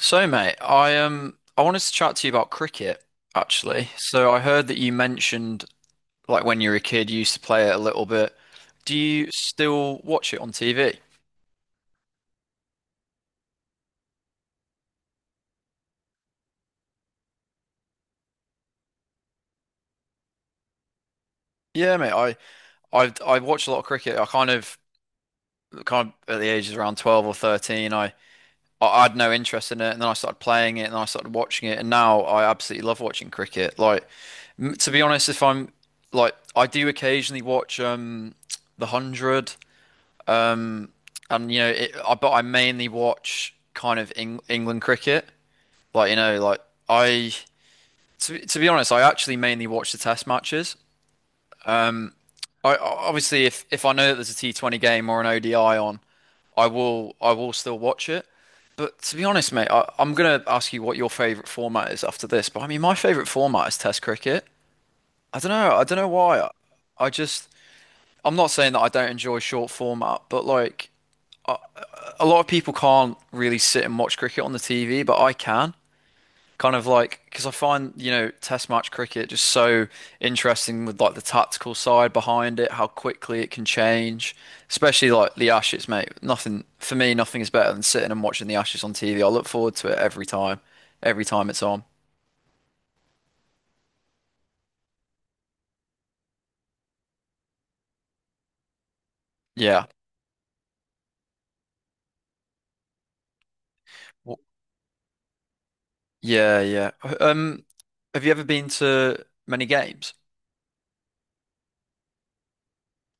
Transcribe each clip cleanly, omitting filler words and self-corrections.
So, mate, I wanted to chat to you about cricket, actually. So I heard that you mentioned, like, when you were a kid you used to play it a little bit. Do you still watch it on TV? Yeah, mate, I watch a lot of cricket. I kind of at the ages around 12 or 13, I had no interest in it, and then I started playing it, and then I started watching it, and now I absolutely love watching cricket. Like, to be honest, if I'm like I do occasionally watch the 100. Um, and you know, it, I, But I mainly watch kind of England cricket. Like you know, like I to be honest, I actually mainly watch the test matches. Um, I Obviously, if I know that there's a T20 game or an ODI on, I will still watch it. But to be honest, mate, I'm gonna ask you what your favorite format is after this. But I mean, my favorite format is Test cricket. I don't know. I don't know why. I just I'm not saying that I don't enjoy short format, but, like, a lot of people can't really sit and watch cricket on the TV, but I can. Kind of like because I find, test match cricket just so interesting, with, like, the tactical side behind it, how quickly it can change. Especially, like, the Ashes, mate. Nothing for me, nothing is better than sitting and watching the Ashes on TV. I look forward to it every time it's on. Yeah. W- Yeah, yeah. Um, have you ever been to many games?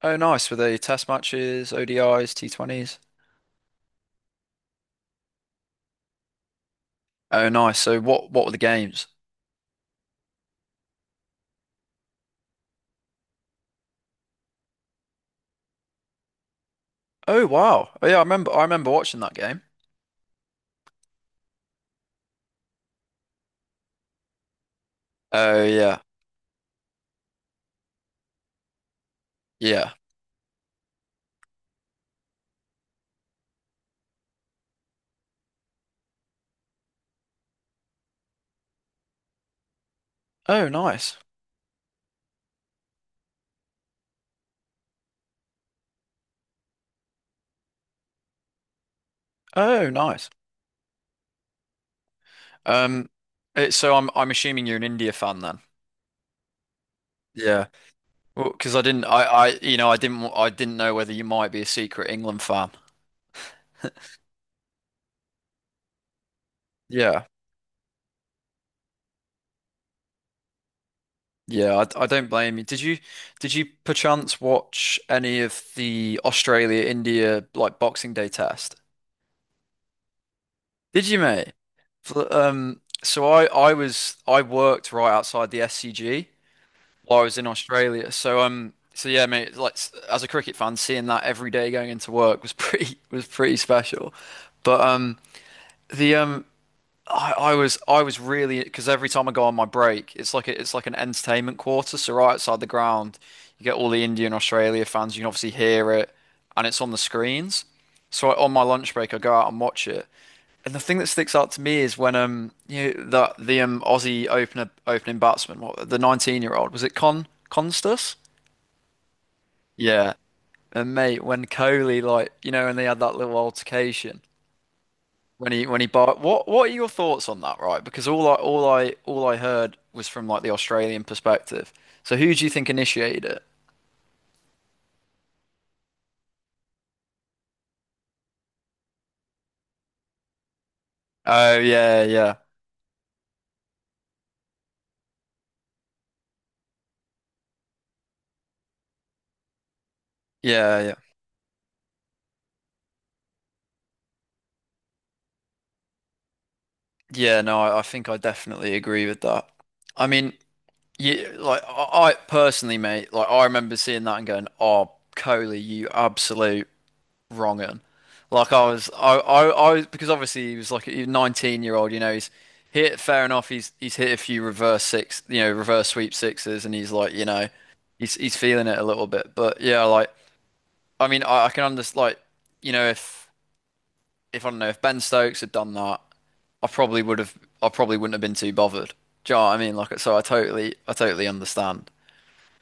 Oh, nice. Were they test matches, ODIs, T20s? Oh, nice. So, what were the games? Oh, wow. Oh, yeah, I remember watching that game. Oh, yeah. Yeah. Oh, nice. Oh, nice. Um it, so, I'm assuming you're an India fan then. Yeah. Well, because I didn't know whether you might be a secret England fan. Yeah. Yeah, I don't blame you. Did you perchance watch any of the Australia India, like, Boxing Day test? Did you, mate? So I worked right outside the SCG while I was in Australia. So, yeah, mate. Like, as a cricket fan, seeing that every day going into work was pretty special. But, the I was really because every time I go on my break, it's like an entertainment quarter. So right outside the ground, you get all the India and Australia fans. You can obviously hear it, and it's on the screens. So, on my lunch break, I go out and watch it. And the thing that sticks out to me is when, that the Aussie opener opening batsman, what, the 19-year-old, was it, Constas? Yeah. And, mate, when Kohli, like, when they had that little altercation. When he bought What are your thoughts on that, right? Because all I heard was from, like, the Australian perspective. So, who do you think initiated it? Oh, yeah, yeah. Yeah, yeah. Yeah. No, I think I definitely agree with that. I mean, you like I personally, mate, like, I remember seeing that and going, "Oh, Coley, you absolute." Wronging. Like, I was, because obviously he was like a 19-year-old, he's hit, fair enough, he's hit a few reverse sweep sixes, and he's like, he's feeling it a little bit. But, yeah, like, I mean, I can understand, like, you know, if, if, I don't know, if Ben Stokes had done that, I probably would have, I probably wouldn't have been too bothered. Do you know what I mean? Like, so, I totally understand.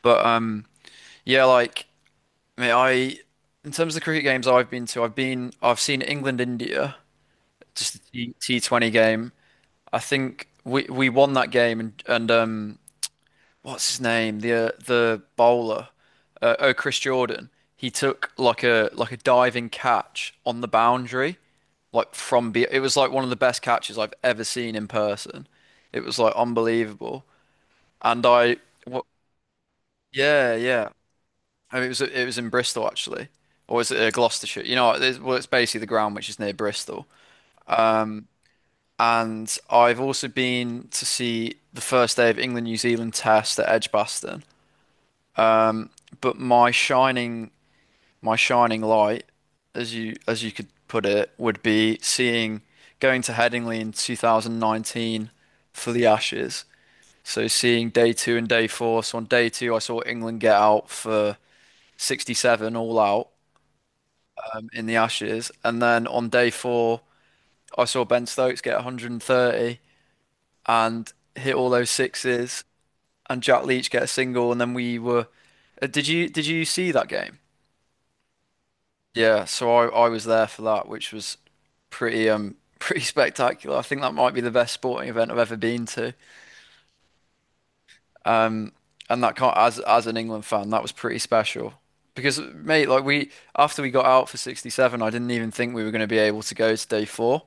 But, yeah, like, I mean, in terms of the cricket games I've been to, I've seen England, India. Just the T T20 game. I think we won that game, and what's his name? The bowler, oh, Chris Jordan. He took, like, a diving catch on the boundary, like from be it was like one of the best catches I've ever seen in person. It was, like, unbelievable. And, I what yeah, yeah. I mean, it was in Bristol, actually. Or was it, Gloucestershire? You know, well, it's basically the ground which is near Bristol. And I've also been to see the first day of England New Zealand Test at Edgbaston. But my shining light, as you could put it, would be seeing going to Headingley in 2019 for the Ashes. So, seeing day two and day four. So on day two, I saw England get out for 67 all out, in the Ashes, and then on day four, I saw Ben Stokes get 130 and hit all those sixes and Jack Leach get a single, and then we were. Did you see that game? Yeah, so I was there for that, which was pretty pretty spectacular. I think that might be the best sporting event I've ever been to. Um, and that can't, as an England fan, that was pretty special. Because, mate, like, we after we got out for 67, I didn't even think we were going to be able to go to day four,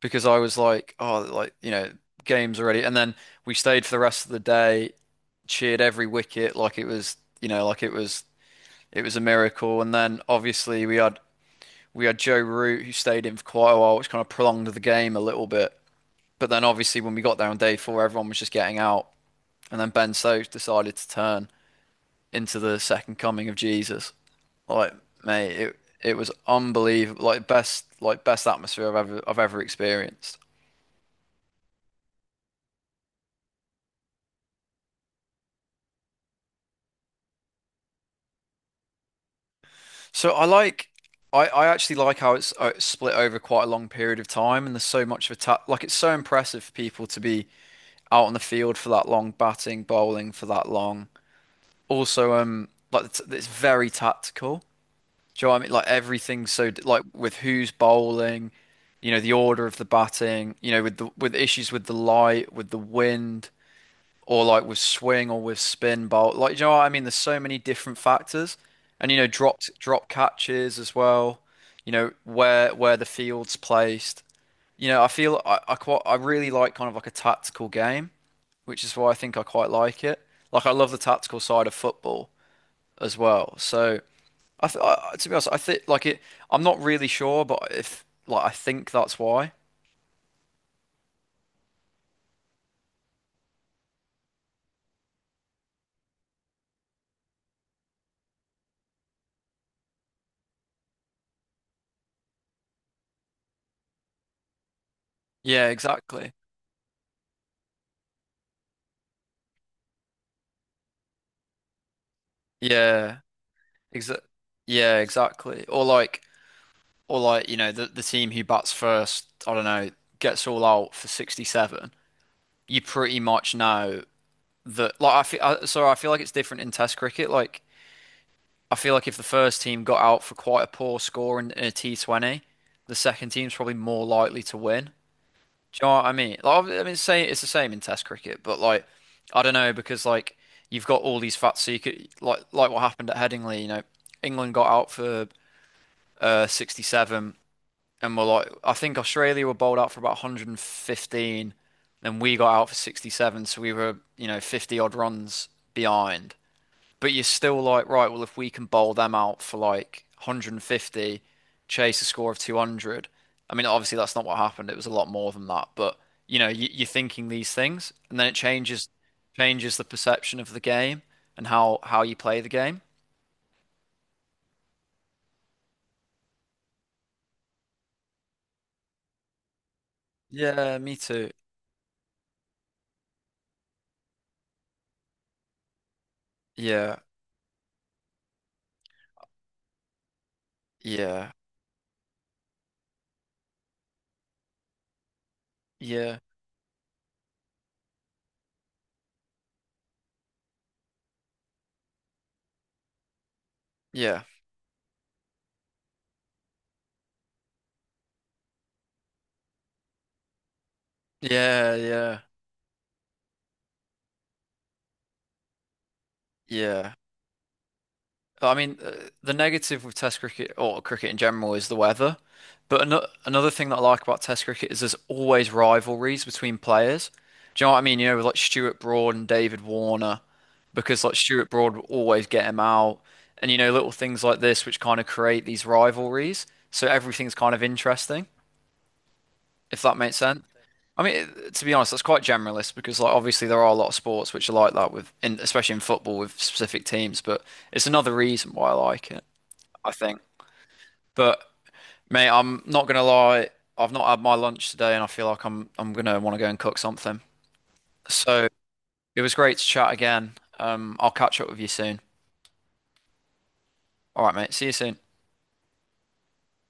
because I was like, oh, like, games already. And then we stayed for the rest of the day, cheered every wicket. Like it was, you know, like it was It was a miracle. And then, obviously, we had Joe Root who stayed in for quite a while, which kind of prolonged the game a little bit. But then, obviously, when we got there on day four, everyone was just getting out. And then Ben Stokes decided to turn into the second coming of Jesus. Like, mate, it was unbelievable. Like, best atmosphere I've ever experienced. So I actually like how it's split over quite a long period of time, and there's so much of a, ta like, it's so impressive for people to be out on the field for that long, batting, bowling for that long. Also, like, it's very tactical. Do you know what I mean? Like, everything's so, like, with who's bowling, the order of the batting, with the with issues with the light, with the wind, or, like, with swing or with spin bowl. Like, do you know what I mean? There's so many different factors, and, drop catches as well. You know, where the field's placed. You know, I feel I quite I really like, kind of, like, a tactical game, which is why I think I quite like it. Like, I love the tactical side of football as well. So, I, th I to be honest, I think, like, it. I'm not really sure, but, if, like, I think that's why. Yeah, exactly. Yeah, exa yeah, exactly. Or, like, the team who bats first, I don't know, gets all out for 67. You pretty much know that. Like, I feel like it's different in Test cricket. Like, I feel like if the first team got out for quite a poor score in a T20, the second team's probably more likely to win. Do you know what I mean? Like, I mean, say it's the same in Test cricket, but, like, I don't know, because, like, you've got all these facts. So you could, like what happened at Headingley. You know, England got out for 67, and were, like, I think Australia were bowled out for about 115, and we got out for 67, so we were, 50-odd runs behind. But you're still like, right, well, if we can bowl them out for, like, 150, chase a score of 200. I mean, obviously, that's not what happened. It was a lot more than that. But, you're thinking these things, and then it changes the perception of the game and how you play the game. Yeah, me too. Yeah, yeah, yeah, yeah, yeah, yeah, yeah. I mean, the negative with Test cricket, or cricket in general, is the weather. But another thing that I like about Test cricket is there's always rivalries between players. Do you know what I mean? You know, with, like, Stuart Broad and David Warner, because, like, Stuart Broad would always get him out, and, little things like this which kind of create these rivalries. So everything's kind of interesting, if that makes sense. I mean, to be honest, that's quite generalist because, like, obviously there are a lot of sports which are like that, especially in football with specific teams. But it's another reason why I like it. I think. But, mate, I'm not gonna lie, I've not had my lunch today, and I feel like I'm gonna want to go and cook something. So it was great to chat again. I'll catch up with you soon. All right, mate. See you soon.